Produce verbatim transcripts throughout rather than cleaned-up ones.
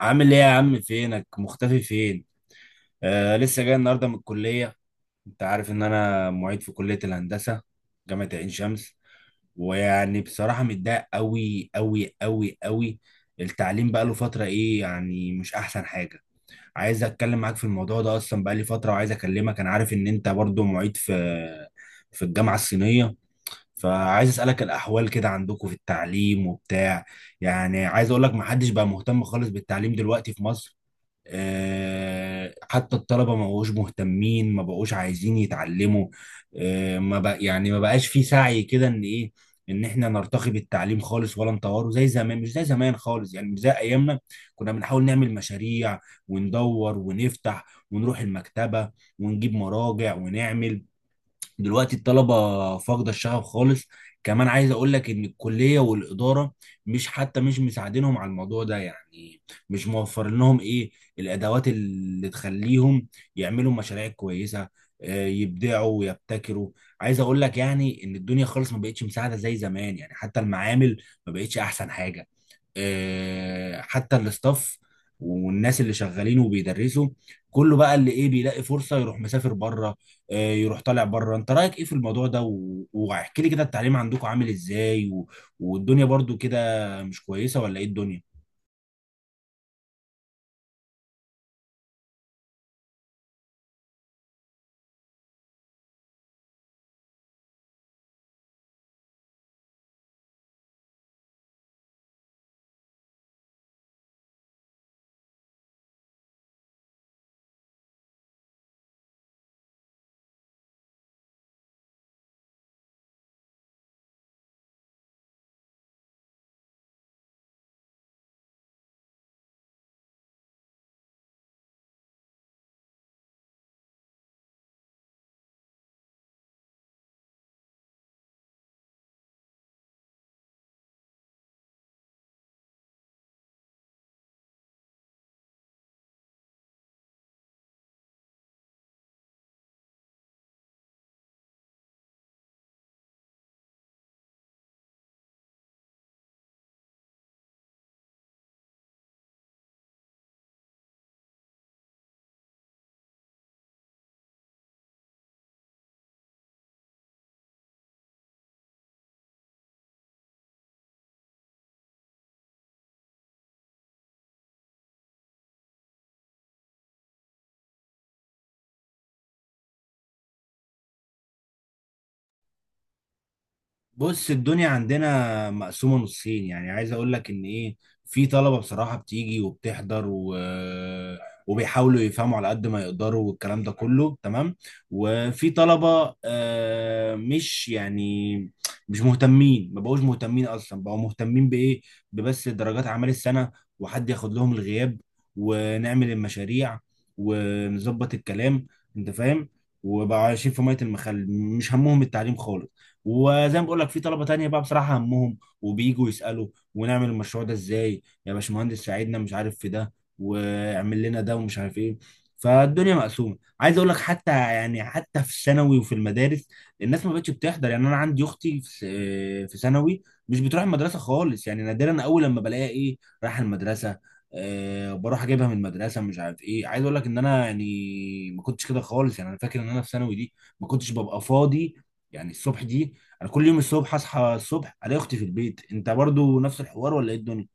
عامل ايه يا عم؟ فينك مختفي فين؟ آه، لسه جاي النهارده من الكليه. انت عارف ان انا معيد في كليه الهندسه، جامعه عين شمس. ويعني بصراحه متضايق قوي قوي قوي قوي. التعليم بقى له فتره ايه يعني، مش احسن حاجه. عايز اتكلم معاك في الموضوع ده، اصلا بقى لي فتره وعايز اكلمك. انا عارف ان انت برضو معيد في في الجامعه الصينيه، فعايز اسالك الاحوال كده عندكم في التعليم وبتاع. يعني عايز اقول لك محدش بقى مهتم خالص بالتعليم دلوقتي في مصر. آه، حتى الطلبة ما بقوش مهتمين، ما بقوش عايزين يتعلموا. آه، ما بق يعني ما بقاش في سعي كده ان ايه، ان احنا نرتقي بالتعليم خالص ولا نطوره زي زمان. مش زي زمان خالص، يعني مش زي ايامنا. كنا بنحاول نعمل مشاريع وندور ونفتح، ونروح المكتبة ونجيب مراجع ونعمل. دلوقتي الطلبة فاقدة الشغف خالص. كمان عايز اقول لك ان الكلية والإدارة مش حتى مش مساعدينهم على الموضوع ده، يعني مش موفر لهم ايه، الادوات اللي تخليهم يعملوا مشاريع كويسة، آه، يبدعوا ويبتكروا. عايز اقول لك يعني ان الدنيا خالص ما بقتش مساعدة زي زمان. يعني حتى المعامل ما بقتش احسن حاجة. آه، حتى الاستاف والناس اللي شغالين وبيدرسوا، كله بقى اللي ايه، بيلاقي فرصة يروح مسافر بره. آه، يروح طالع بره. انت رأيك ايه في الموضوع ده؟ و- واحكي لي كده التعليم عندكم عامل ازاي، و- والدنيا برضو كده مش كويسة ولا ايه الدنيا؟ بص، الدنيا عندنا مقسومة نصين. يعني عايز اقول لك ان ايه، في طلبة بصراحة بتيجي وبتحضر و... وبيحاولوا يفهموا على قد ما يقدروا، والكلام ده كله تمام. وفي طلبة، آه، مش يعني مش مهتمين، ما بقوش مهتمين، اصلا بقوا مهتمين بايه؟ ببس درجات اعمال السنة، وحد ياخد لهم الغياب، ونعمل المشاريع ونظبط الكلام. انت فاهم؟ وبقوا عايشين في مية المخل، مش همهم التعليم خالص. وزي ما بقول لك، في طلبه تانية بقى بصراحه همهم وبييجوا يسالوا، ونعمل المشروع ده ازاي يا باشمهندس، ساعدنا مش عارف في ده، واعمل لنا ده ومش عارف ايه. فالدنيا مقسومه. عايز اقول لك حتى يعني، حتى في الثانوي وفي المدارس، الناس ما بقتش بتحضر. يعني انا عندي اختي في في ثانوي، مش بتروح المدرسه خالص. يعني نادرا اول لما بلاقيها ايه، رايحه المدرسه. أه، بروح اجيبها من المدرسه مش عارف ايه. عايز اقول لك ان انا يعني ما كنتش كده خالص. يعني انا فاكر ان انا في ثانوي دي ما كنتش ببقى فاضي، يعني الصبح دي انا كل يوم الصبح اصحى الصبح الاقي اختي في البيت. انت برضو نفس الحوار ولا ايه الدنيا؟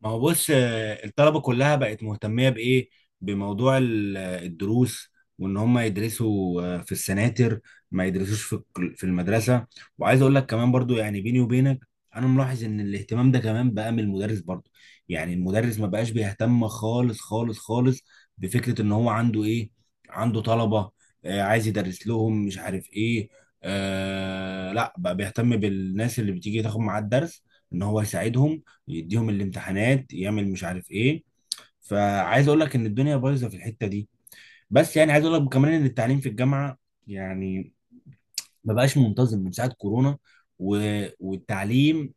ما هو بص، آه، الطلبة كلها بقت مهتمية بإيه؟ بموضوع ال- آه، الدروس. وإن هم يدرسوا، آه، في السناتر، ما يدرسوش في الك- في المدرسة. وعايز أقول لك كمان برضو يعني بيني وبينك، أنا ملاحظ إن الاهتمام ده كمان بقى من المدرس برضو. يعني المدرس ما بقاش بيهتم خالص خالص خالص بفكرة إن هو عنده إيه؟ عنده طلبة، آه، عايز يدرس لهم مش عارف إيه. آه، لا بقى بيهتم بالناس اللي بتيجي تاخد معاه الدرس، إن هو يساعدهم، يديهم الامتحانات، يعمل مش عارف ايه. فعايز اقول لك ان الدنيا بايظه في الحته دي. بس يعني عايز اقول لك كمان ان التعليم في الجامعه يعني ما بقاش منتظم من ساعه كورونا و... والتعليم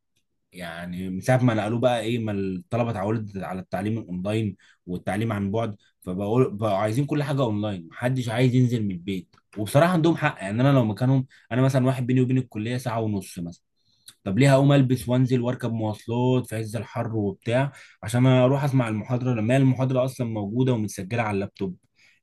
يعني من ساعه ما نقلوه بقى ايه، ما الطلبه اتعودت على التعليم الاونلاين والتعليم عن بعد. فبقول بقوا عايزين كل حاجه اونلاين، محدش عايز ينزل من البيت. وبصراحه عندهم حق، يعني انا لو مكانهم، انا مثلا واحد بيني وبين الكليه ساعه ونص مثلا، طب ليه هقوم البس وانزل واركب مواصلات في عز الحر وبتاع عشان اروح اسمع المحاضره، لما هي المحاضره اصلا موجوده ومتسجله على اللابتوب.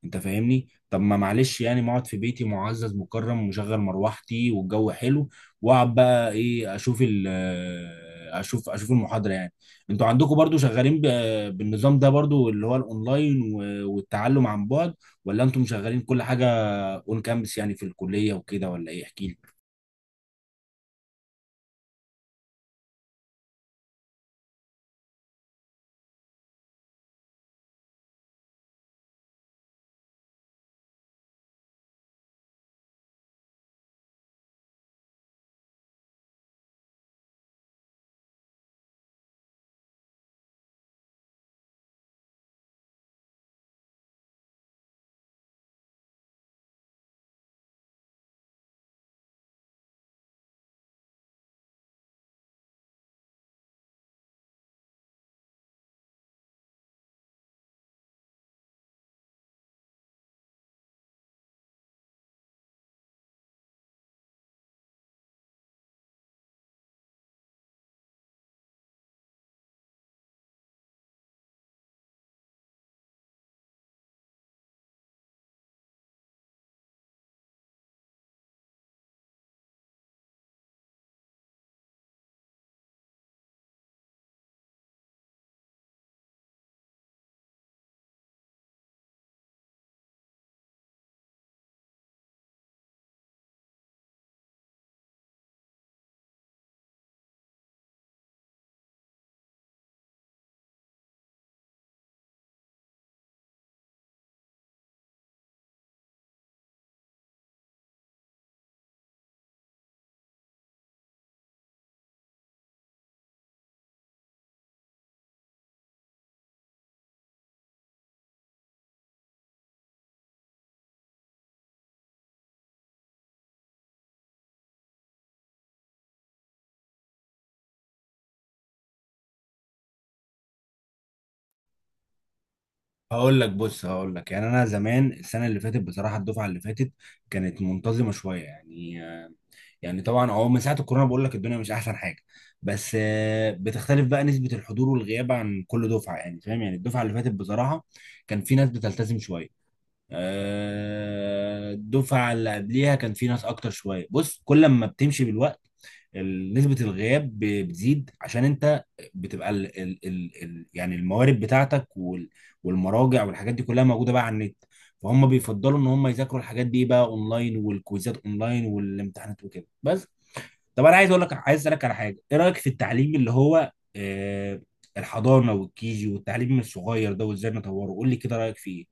انت فاهمني؟ طب ما معلش يعني، ما اقعد في بيتي معزز مكرم مشغل مروحتي والجو حلو، واقعد بقى ايه، اشوف ال آه، اشوف اشوف المحاضره يعني. انتوا عندكم برضو شغالين ب- بالنظام ده برضو، اللي هو الاونلاين و- والتعلم عن بعد، ولا انتم شغالين كل حاجه اون كامبس يعني في الكليه وكده ولا ايه؟ احكي لي. هقول لك، بص هقول لك، يعني انا زمان السنه اللي فاتت بصراحه، الدفعه اللي فاتت كانت منتظمه شويه يعني آه، يعني طبعا هو من ساعه الكورونا بقول لك الدنيا مش احسن حاجه. بس آه، بتختلف بقى نسبه الحضور والغياب عن كل دفعه، يعني فاهم؟ يعني الدفعه اللي فاتت بصراحه كان في ناس بتلتزم شويه، آه، الدفعه اللي قبليها كان في ناس اكتر شويه. بص، كل ما بتمشي بالوقت، ال- نسبة الغياب ب- بتزيد، عشان انت بتبقى ال ال ال ال يعني الموارد بتاعتك وال- والمراجع والحاجات دي كلها موجودة بقى على النت. فهم بيفضلوا ان هم يذاكروا الحاجات دي بقى اونلاين، والكويزات اونلاين والامتحانات وكده بس. طب انا عايز اقول لك، عايز اسالك على حاجة، ايه رأيك في التعليم اللي هو آه، الحضانة والكيجي والتعليم الصغير ده، وازاي نطوره؟ قول لي كده رأيك فيه ايه.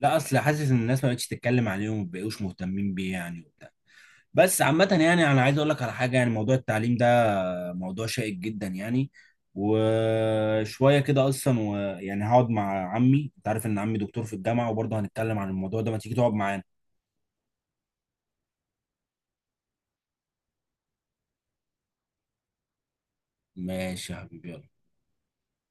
لا، اصل حاسس ان الناس ما بقتش تتكلم عليهم وما بقوش مهتمين بيه يعني وبتاع. بس عامة يعني انا عايز اقول لك على حاجة، يعني موضوع التعليم ده موضوع شائك جدا يعني، وشويه كده اصلا. ويعني هقعد مع عمي، انت عارف ان عمي دكتور في الجامعه، وبرضه هنتكلم عن الموضوع ده، ما تيجي تقعد معانا. ماشي يا حبيبي، يلا.